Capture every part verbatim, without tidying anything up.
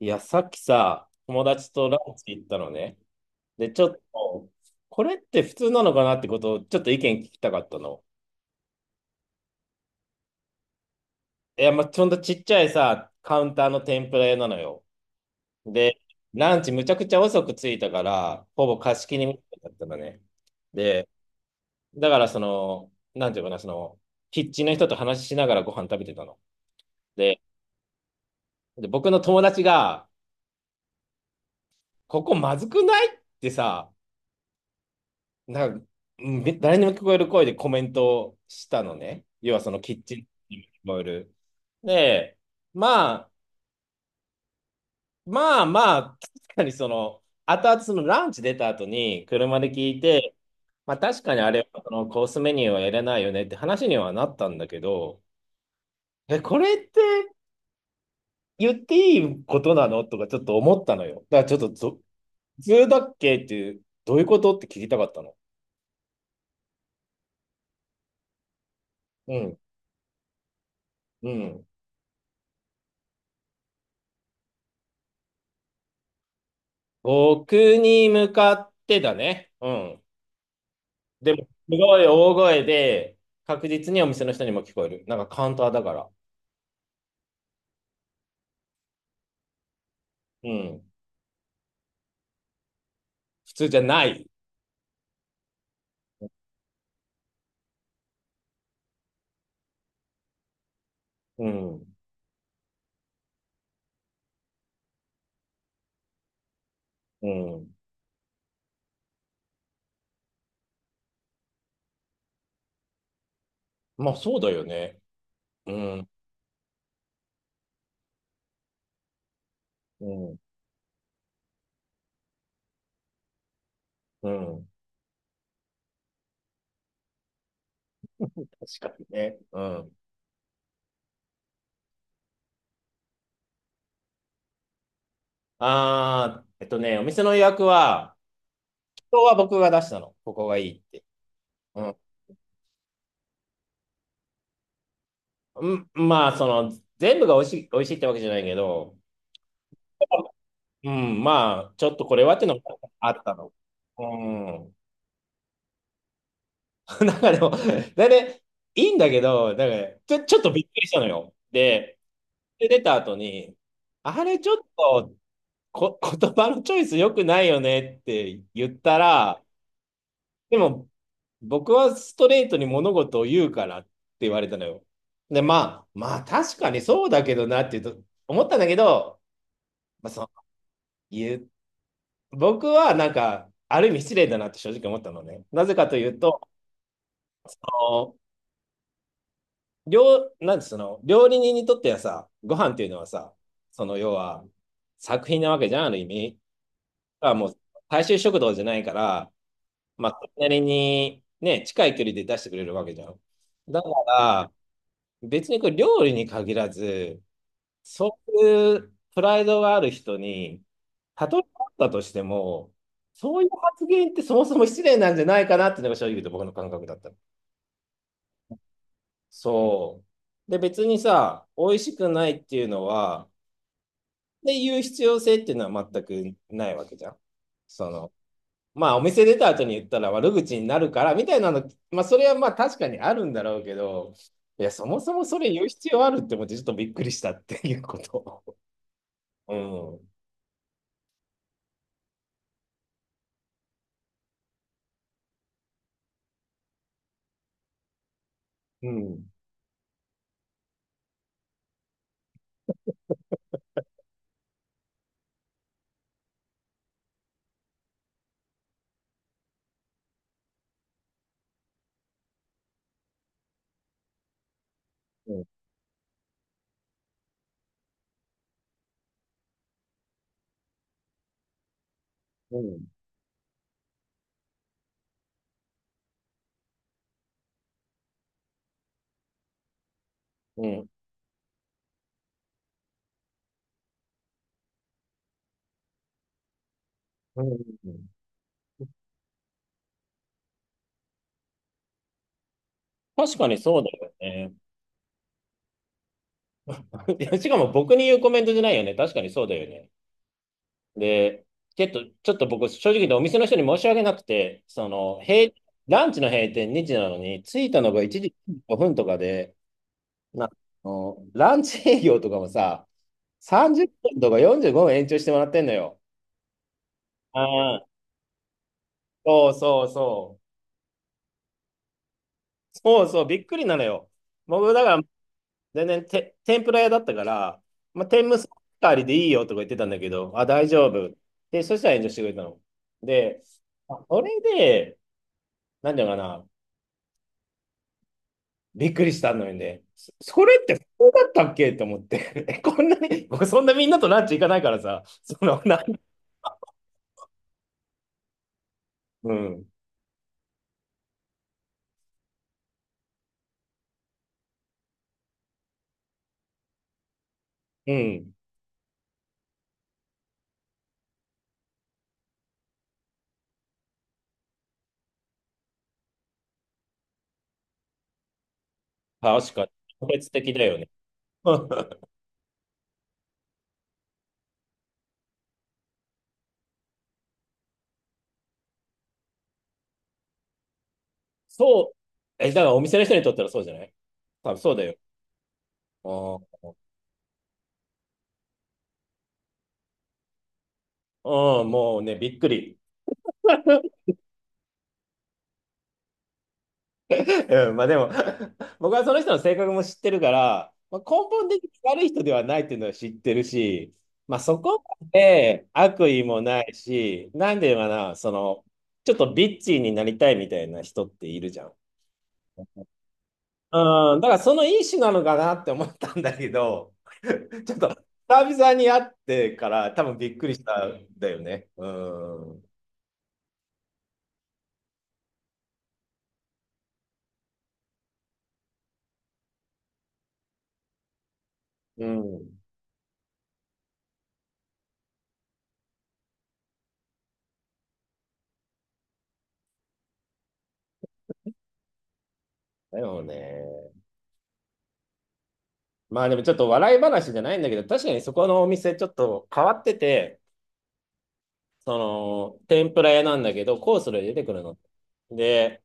いや、さっきさ、友達とランチ行ったのね。で、ちょっと、これって普通なのかなってことを、ちょっと意見聞きたかったの。いや、まあ、ほんとちっちゃいさ、カウンターの天ぷら屋なのよ。で、ランチむちゃくちゃ遅く着いたから、ほぼ貸し切りみたいだったのね。で、だからその、なんていうかな、その、キッチンの人と話しながらご飯食べてたの。で、で僕の友達が、ここまずくないってさ、なんか、うん誰にも聞こえる声でコメントをしたのね。要はそのキッチンにも聞こえる。で、まあ、まあまあ、確かにその、後々そのランチ出た後に車で聞いて、まあ確かにあれはそのコースメニューはやれないよねって話にはなったんだけど、え、これって言っていいことなのとかちょっと思ったのよ。だからちょっとぞ、普通だっけっていう、どういうことって聞きたかったの。うん、うん。僕に向かってだね。うん。でも、すごい大声で、確実にお店の人にも聞こえる。なんかカウンターだから。うん。普通じゃない。うん。うん。まあ、そうだよね。うん。うん。うん。確かにね。うん。あー、えっとね、お店の予約は、今日は僕が出したの。ここがいいって。うん。うん、まあ、その、全部が美味しい、美味しいってわけじゃないけど、うん、まあ、ちょっとこれはっていうのがあったの。うん。なんかでも、だね、いいんだけど、なんかちょ、ちょっとびっくりしたのよ。で、で出た後に、あれちょっとこ、言葉のチョイス良くないよねって言ったら、でも、僕はストレートに物事を言うからって言われたのよ。で、まあ、まあ確かにそうだけどなって言うと思ったんだけど、まあ、その、言う僕はなんか、ある意味失礼だなって正直思ったのね。なぜかというと、料、なんてその、料理人にとってはさ、ご飯っていうのはさ、その要は作品なわけじゃん、ある意味。あ、もう大衆食堂じゃないから、まあ、それなりにね、近い距離で出してくれるわけじゃん。だから、別にこれ料理に限らず、そういうプライドがある人に、たとえあったとしても、そういう発言ってそもそも失礼なんじゃないかなっていうのが正直言うと僕の感覚だったの。そう。で、別にさ、美味しくないっていうのは、っていう必要性っていうのは全くないわけじゃん。その、まあお店出た後に言ったら悪口になるからみたいなの、まあそれはまあ確かにあるんだろうけど、いや、そもそもそれ言う必要あるって思ってちょっとびっくりしたっていうこと。うん。うん。うん。うん。うん。うんうん確かにそうだよね。いや、しかも僕に言うコメントじゃないよね。確かにそうだよね。で、ちょっと、ちょっと僕、正直言ってお店の人に申し訳なくて、その、閉、ランチの閉店にじなのに、着いたのがいちじごふんとかで、な、あの、ランチ営業とかもさ、さんじゅっぷんとかよんじゅうごふん延長してもらってんのよ。ああ、そうそうそう。そうそう、びっくりなのよ。僕、だから、全然て、天ぷら屋だったから、まあ、天むすありでいいよとか言ってたんだけど、あ、大丈夫。で、そしたら炎上してくれたの。で、あそれで、なんていうのかな、びっくりしたのよね。それってそうだったっけと思って。こんなに、僕そんなみんなとランチ行かないからさ、そのな、うん、うん、確かに、特別的だよね。そう、え、だからお店の人にとったらそうじゃない、多分そうだよ。ああうんもうね、びっくり。うん、まあでも 僕はその人の性格も知ってるから、まあ、根本的に悪い人ではないっていうのは知ってるし、まあそこまで悪意もないし、なんで言うのかな、その、ちょっとビッチーになりたいみたいな人っているじゃん。うん、だからそのいい種なのかなって思ったんだけど、ちょっと久々に会ってから多分びっくりしたんだよね。うん。うん。だよね。まあでもちょっと笑い話じゃないんだけど、確かにそこのお店ちょっと変わってて、その、天ぷら屋なんだけど、コースで出てくるの。で、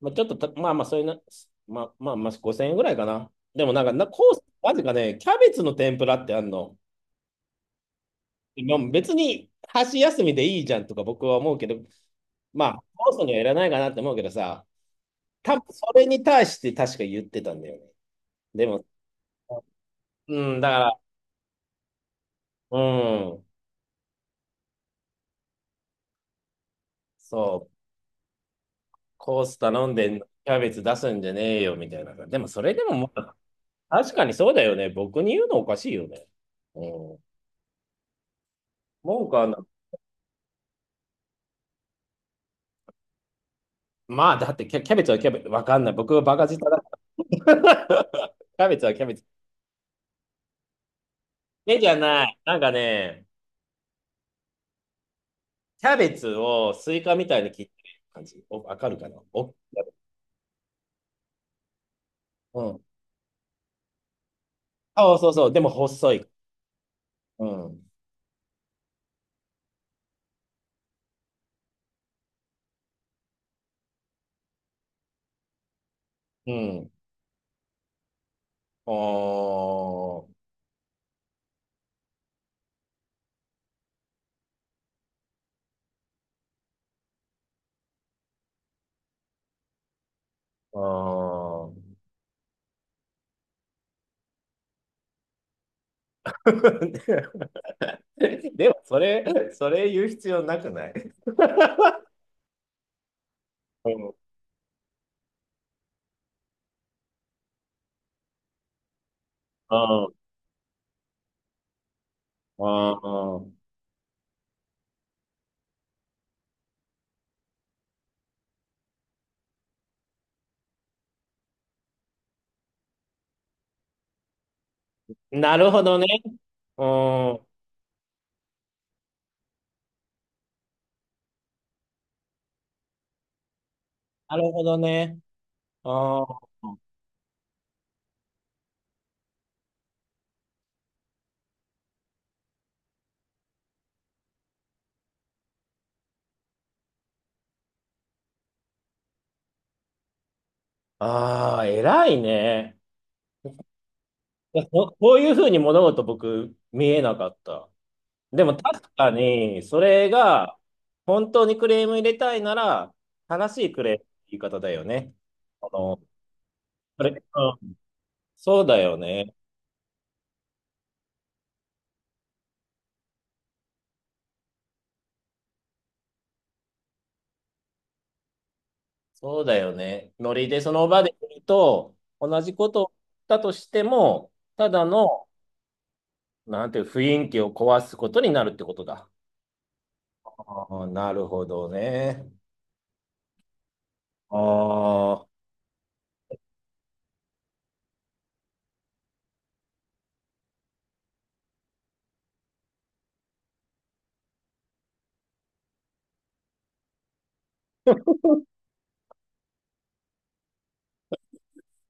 まあ、ちょっとた、まあまあ、そういうな、まあまあ、まあ、ごせんえんぐらいかな。でもなんか、な、コース、なぜかね、キャベツの天ぷらってあんの。まあ別に、箸休みでいいじゃんとか僕は思うけど、まあ、コースにはいらないかなって思うけどさ、多分それに対して確か言ってたんだよね。でも、うん、だから、うん、そう、コース頼んでんのキャベツ出すんじゃねえよみたいな。でも、それでもも確かにそうだよね。僕に言うのおかしいよね。うん。文句はな、まあ、だってキャ、キャベツはキャベツ、わかんない。僕はバカ舌だ。キャベツはキャベツ。目じゃない。なんかね、キャベツをスイカみたいに切ってる感じ。お、わかるかなお、うん。そうそうそう。でも細い。うん。うん。おー。おー でも、それ、それ言う必要なくない？ うん。うん。うん。なるほどね。うん。なるほどね。ああー、偉いね。いやここういうふうに物事僕見えなかった。でも確かに、それが本当にクレーム入れたいなら、正しいクレームの言い方だよね。あの、それ、うんそうだよね。そうだよね。ノリでその場で言うと、同じことだとしても、ただの、なんていう雰囲気を壊すことになるってことだ。ああ、なるほどね。あ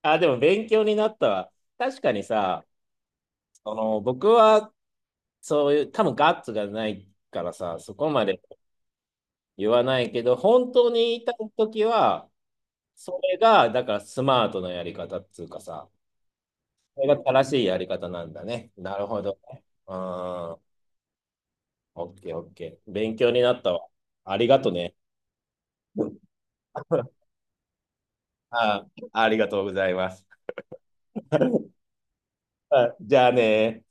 あ、あ、でも勉強になったわ。確かにさ、その僕はそういう、多分ガッツがないからさ、そこまで言わないけど、本当に言いたいときは、それが、だからスマートなやり方っつうかさ、それが正しいやり方なんだね。なるほどね。うん、オッケーオッケー。勉強になったわ。ありがとね。あ、ありがとうございます。あ、じゃあね。